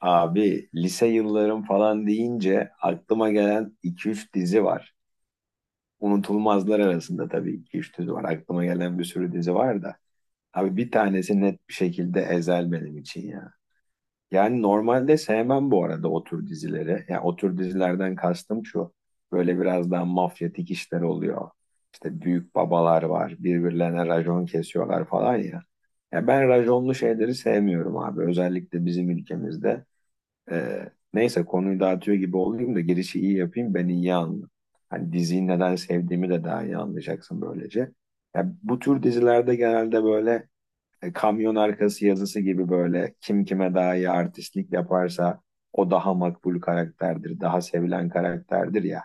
Abi lise yıllarım falan deyince aklıma gelen iki üç dizi var. Unutulmazlar arasında tabii iki üç dizi var. Aklıma gelen bir sürü dizi var da. Abi bir tanesi net bir şekilde Ezel benim için ya. Yani normalde sevmem bu arada o tür dizileri. Yani o tür dizilerden kastım şu. Böyle biraz daha mafyatik işler oluyor. İşte büyük babalar var. Birbirlerine racon kesiyorlar falan ya. Ya ben raconlu şeyleri sevmiyorum abi. Özellikle bizim ülkemizde. Ee, Neyse konuyu dağıtıyor gibi olayım da girişi iyi yapayım ben iyi anla. Hani diziyi neden sevdiğimi de daha iyi anlayacaksın böylece. Ya bu tür dizilerde genelde böyle kamyon arkası yazısı gibi böyle kim kime daha iyi artistlik yaparsa o daha makbul karakterdir, daha sevilen karakterdir ya.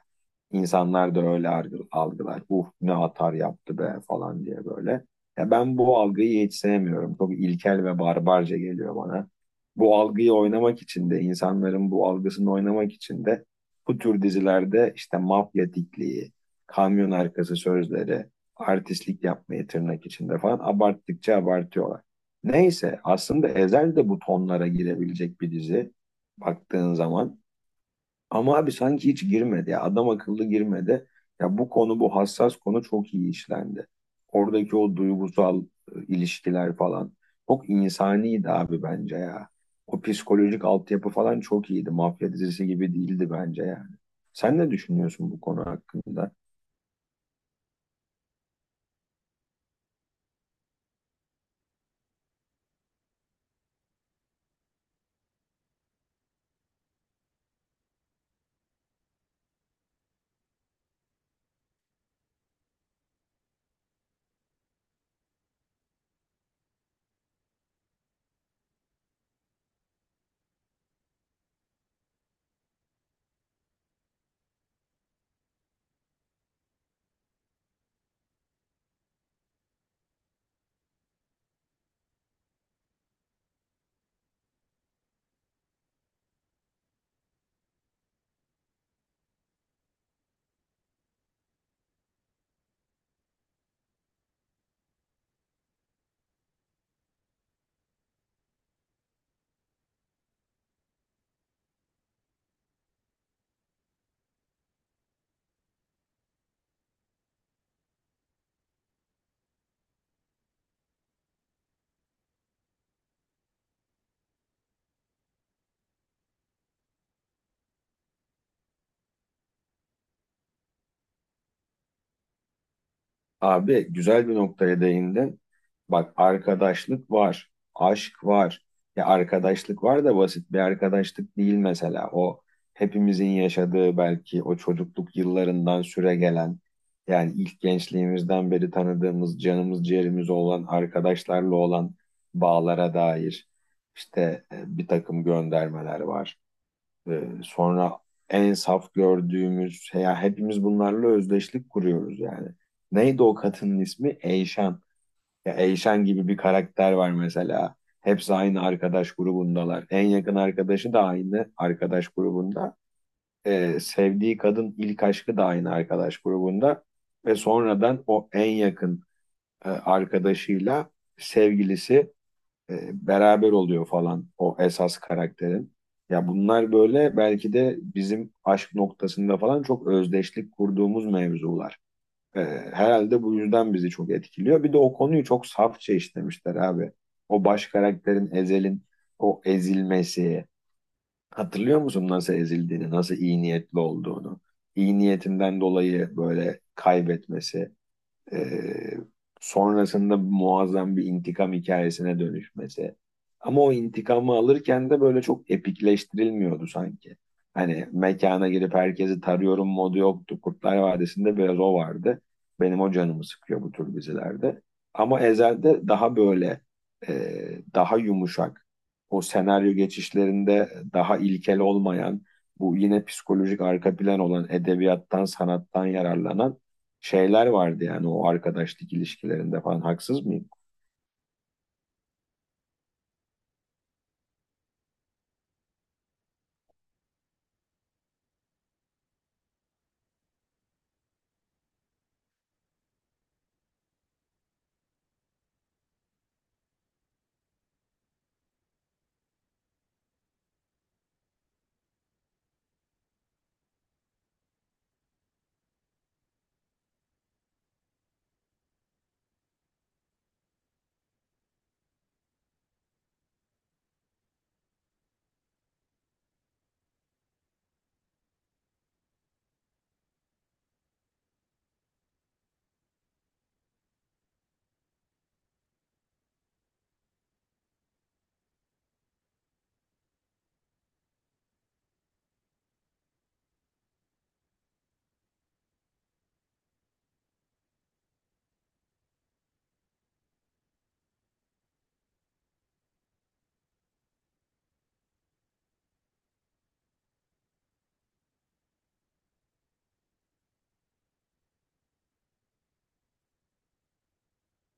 İnsanlar da öyle algılar. Ne atar yaptı be falan diye böyle. Ya ben bu algıyı hiç sevmiyorum. Çok ilkel ve barbarca geliyor bana. Bu algıyı oynamak için de insanların bu algısını oynamak için de bu tür dizilerde işte mafya dikliği, kamyon arkası sözleri, artistlik yapmayı tırnak içinde falan abarttıkça abartıyorlar. Neyse aslında Ezel de bu tonlara girebilecek bir dizi baktığın zaman. Ama abi sanki hiç girmedi ya adam akıllı girmedi. Ya bu konu bu hassas konu çok iyi işlendi. Oradaki o duygusal ilişkiler falan çok insaniydi abi bence ya. O psikolojik altyapı falan çok iyiydi. Mafya dizisi gibi değildi bence yani. Sen ne düşünüyorsun bu konu hakkında? Abi güzel bir noktaya değindin. Bak arkadaşlık var, aşk var. Ya arkadaşlık var da basit bir arkadaşlık değil mesela. O hepimizin yaşadığı belki o çocukluk yıllarından süre gelen yani ilk gençliğimizden beri tanıdığımız canımız ciğerimiz olan arkadaşlarla olan bağlara dair işte bir takım göndermeler var. Sonra en saf gördüğümüz ya hepimiz bunlarla özdeşlik kuruyoruz yani. Neydi o kadının ismi? Eyşan. Ya Eyşan gibi bir karakter var mesela. Hepsi aynı arkadaş grubundalar. En yakın arkadaşı da aynı arkadaş grubunda. Sevdiği kadın ilk aşkı da aynı arkadaş grubunda. Ve sonradan o en yakın arkadaşıyla sevgilisi beraber oluyor falan o esas karakterin. Ya bunlar böyle belki de bizim aşk noktasında falan çok özdeşlik kurduğumuz mevzular. E, Herhalde bu yüzden bizi çok etkiliyor. Bir de o konuyu çok safça işlemişler abi. O baş karakterin Ezel'in o ezilmesi. Hatırlıyor musun nasıl ezildiğini, nasıl iyi niyetli olduğunu? İyi niyetinden dolayı böyle kaybetmesi. Ee, Sonrasında muazzam bir intikam hikayesine dönüşmesi. Ama o intikamı alırken de böyle çok epikleştirilmiyordu sanki. Hani mekana girip herkesi tarıyorum modu yoktu. Kurtlar Vadisi'nde biraz o vardı. Benim o canımı sıkıyor bu tür dizilerde. Ama Ezel'de daha böyle e, daha yumuşak. O senaryo geçişlerinde daha ilkel olmayan, bu yine psikolojik arka plan olan edebiyattan, sanattan yararlanan şeyler vardı yani o arkadaşlık ilişkilerinde falan haksız mıyım?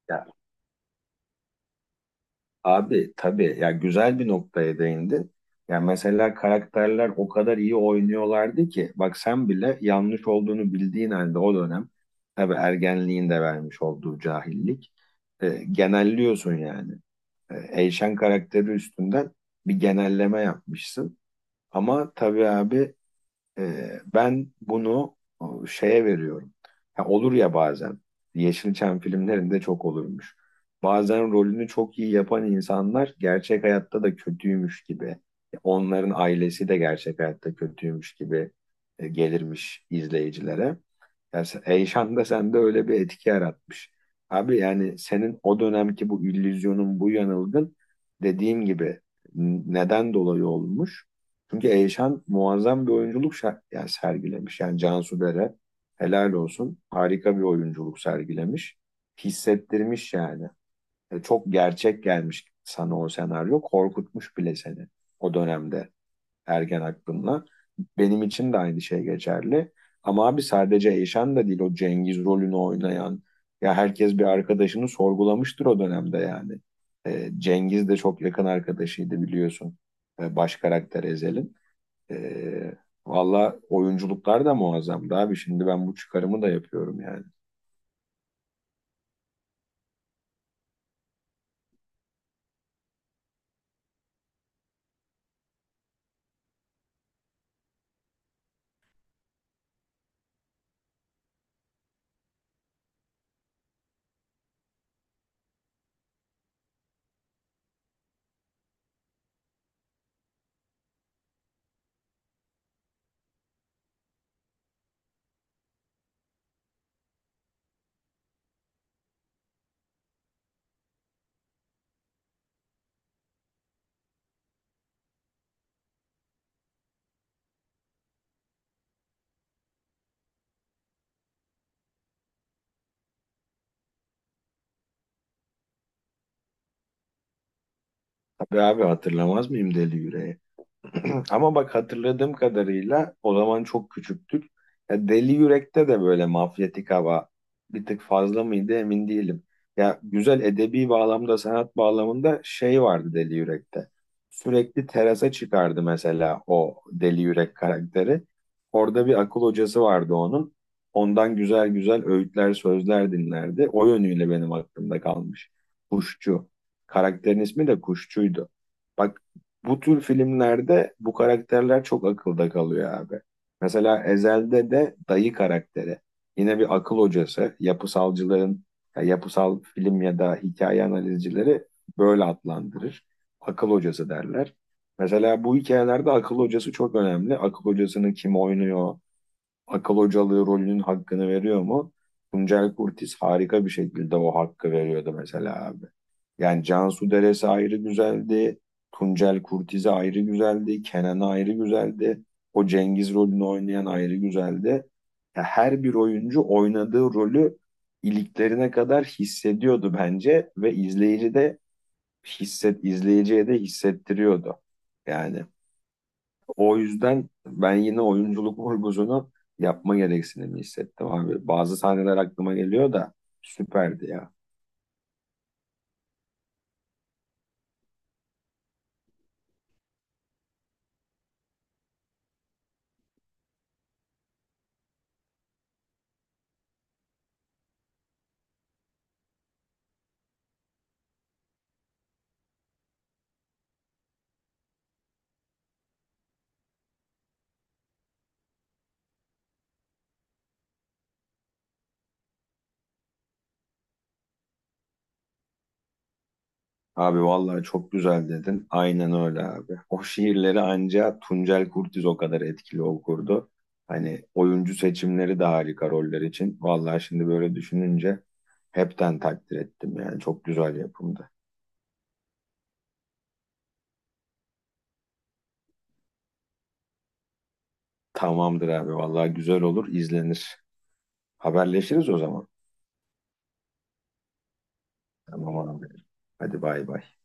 Ya abi tabii ya güzel bir noktaya değindin. Ya mesela karakterler o kadar iyi oynuyorlardı ki bak sen bile yanlış olduğunu bildiğin halde o dönem tabii ergenliğin de vermiş olduğu cahillik genelliyorsun yani. E, Eyşen karakteri üstünden bir genelleme yapmışsın. Ama tabii abi ben bunu şeye veriyorum. Ha, olur ya bazen. Yeşilçam filmlerinde çok olurmuş. Bazen rolünü çok iyi yapan insanlar gerçek hayatta da kötüymüş gibi. Onların ailesi de gerçek hayatta kötüymüş gibi gelirmiş izleyicilere. Ya heyecan da sende öyle bir etki yaratmış. Abi yani senin o dönemki bu illüzyonun, bu yanılgın dediğim gibi neden dolayı olmuş? Çünkü Eyşan muazzam bir oyunculuk yani sergilemiş. Yani Cansu Dere helal olsun harika bir oyunculuk sergilemiş. Hissettirmiş yani. Çok gerçek gelmiş sana o senaryo. Korkutmuş bile seni o dönemde ergen aklımla. Benim için de aynı şey geçerli. Ama abi sadece Eyşan da değil o Cengiz rolünü oynayan. Ya herkes bir arkadaşını sorgulamıştır o dönemde yani. Cengiz de çok yakın arkadaşıydı biliyorsun. Baş karakter Ezel'in. Ee, Valla oyunculuklar da muazzamdı abi. Şimdi ben bu çıkarımı da yapıyorum yani. Tabii abi hatırlamaz mıyım Deli Yüreği? Ama bak hatırladığım kadarıyla o zaman çok küçüktük. Ya Deli Yürek'te de böyle mafyatik hava bir tık fazla mıydı emin değilim. Ya güzel edebi bağlamda, sanat bağlamında şey vardı Deli Yürek'te. Sürekli terasa çıkardı mesela o Deli Yürek karakteri. Orada bir akıl hocası vardı onun. Ondan güzel güzel öğütler, sözler dinlerdi. O yönüyle benim aklımda kalmış. Kuşçu. Karakterin ismi de Kuşçuydu. Bak bu tür filmlerde bu karakterler çok akılda kalıyor abi. Mesela Ezel'de de dayı karakteri. Yine bir akıl hocası. Yapısalcıların, ya yapısal film ya da hikaye analizcileri böyle adlandırır. Akıl hocası derler. Mesela bu hikayelerde akıl hocası çok önemli. Akıl hocasını kim oynuyor, akıl hocalığı rolünün hakkını veriyor mu? Tuncel Kurtiz harika bir şekilde o hakkı veriyordu mesela abi. Yani Cansu Deresi ayrı güzeldi. Tuncel Kurtiz'i ayrı güzeldi. Kenan'ı ayrı güzeldi. O Cengiz rolünü oynayan ayrı güzeldi. Ya her bir oyuncu oynadığı rolü iliklerine kadar hissediyordu bence ve izleyici de izleyiciye de hissettiriyordu. Yani o yüzden ben yine oyunculuk vurgusunu yapma gereksinimi hissettim abi. Bazı sahneler aklıma geliyor da süperdi ya. Abi vallahi çok güzel dedin. Aynen öyle abi. O şiirleri anca Tuncel Kurtiz o kadar etkili okurdu. Hani oyuncu seçimleri de harika roller için. Vallahi şimdi böyle düşününce hepten takdir ettim yani. Çok güzel yapımdı. Tamamdır abi vallahi güzel olur izlenir. Haberleşiriz o zaman. Tamam abi. Hadi bay bay.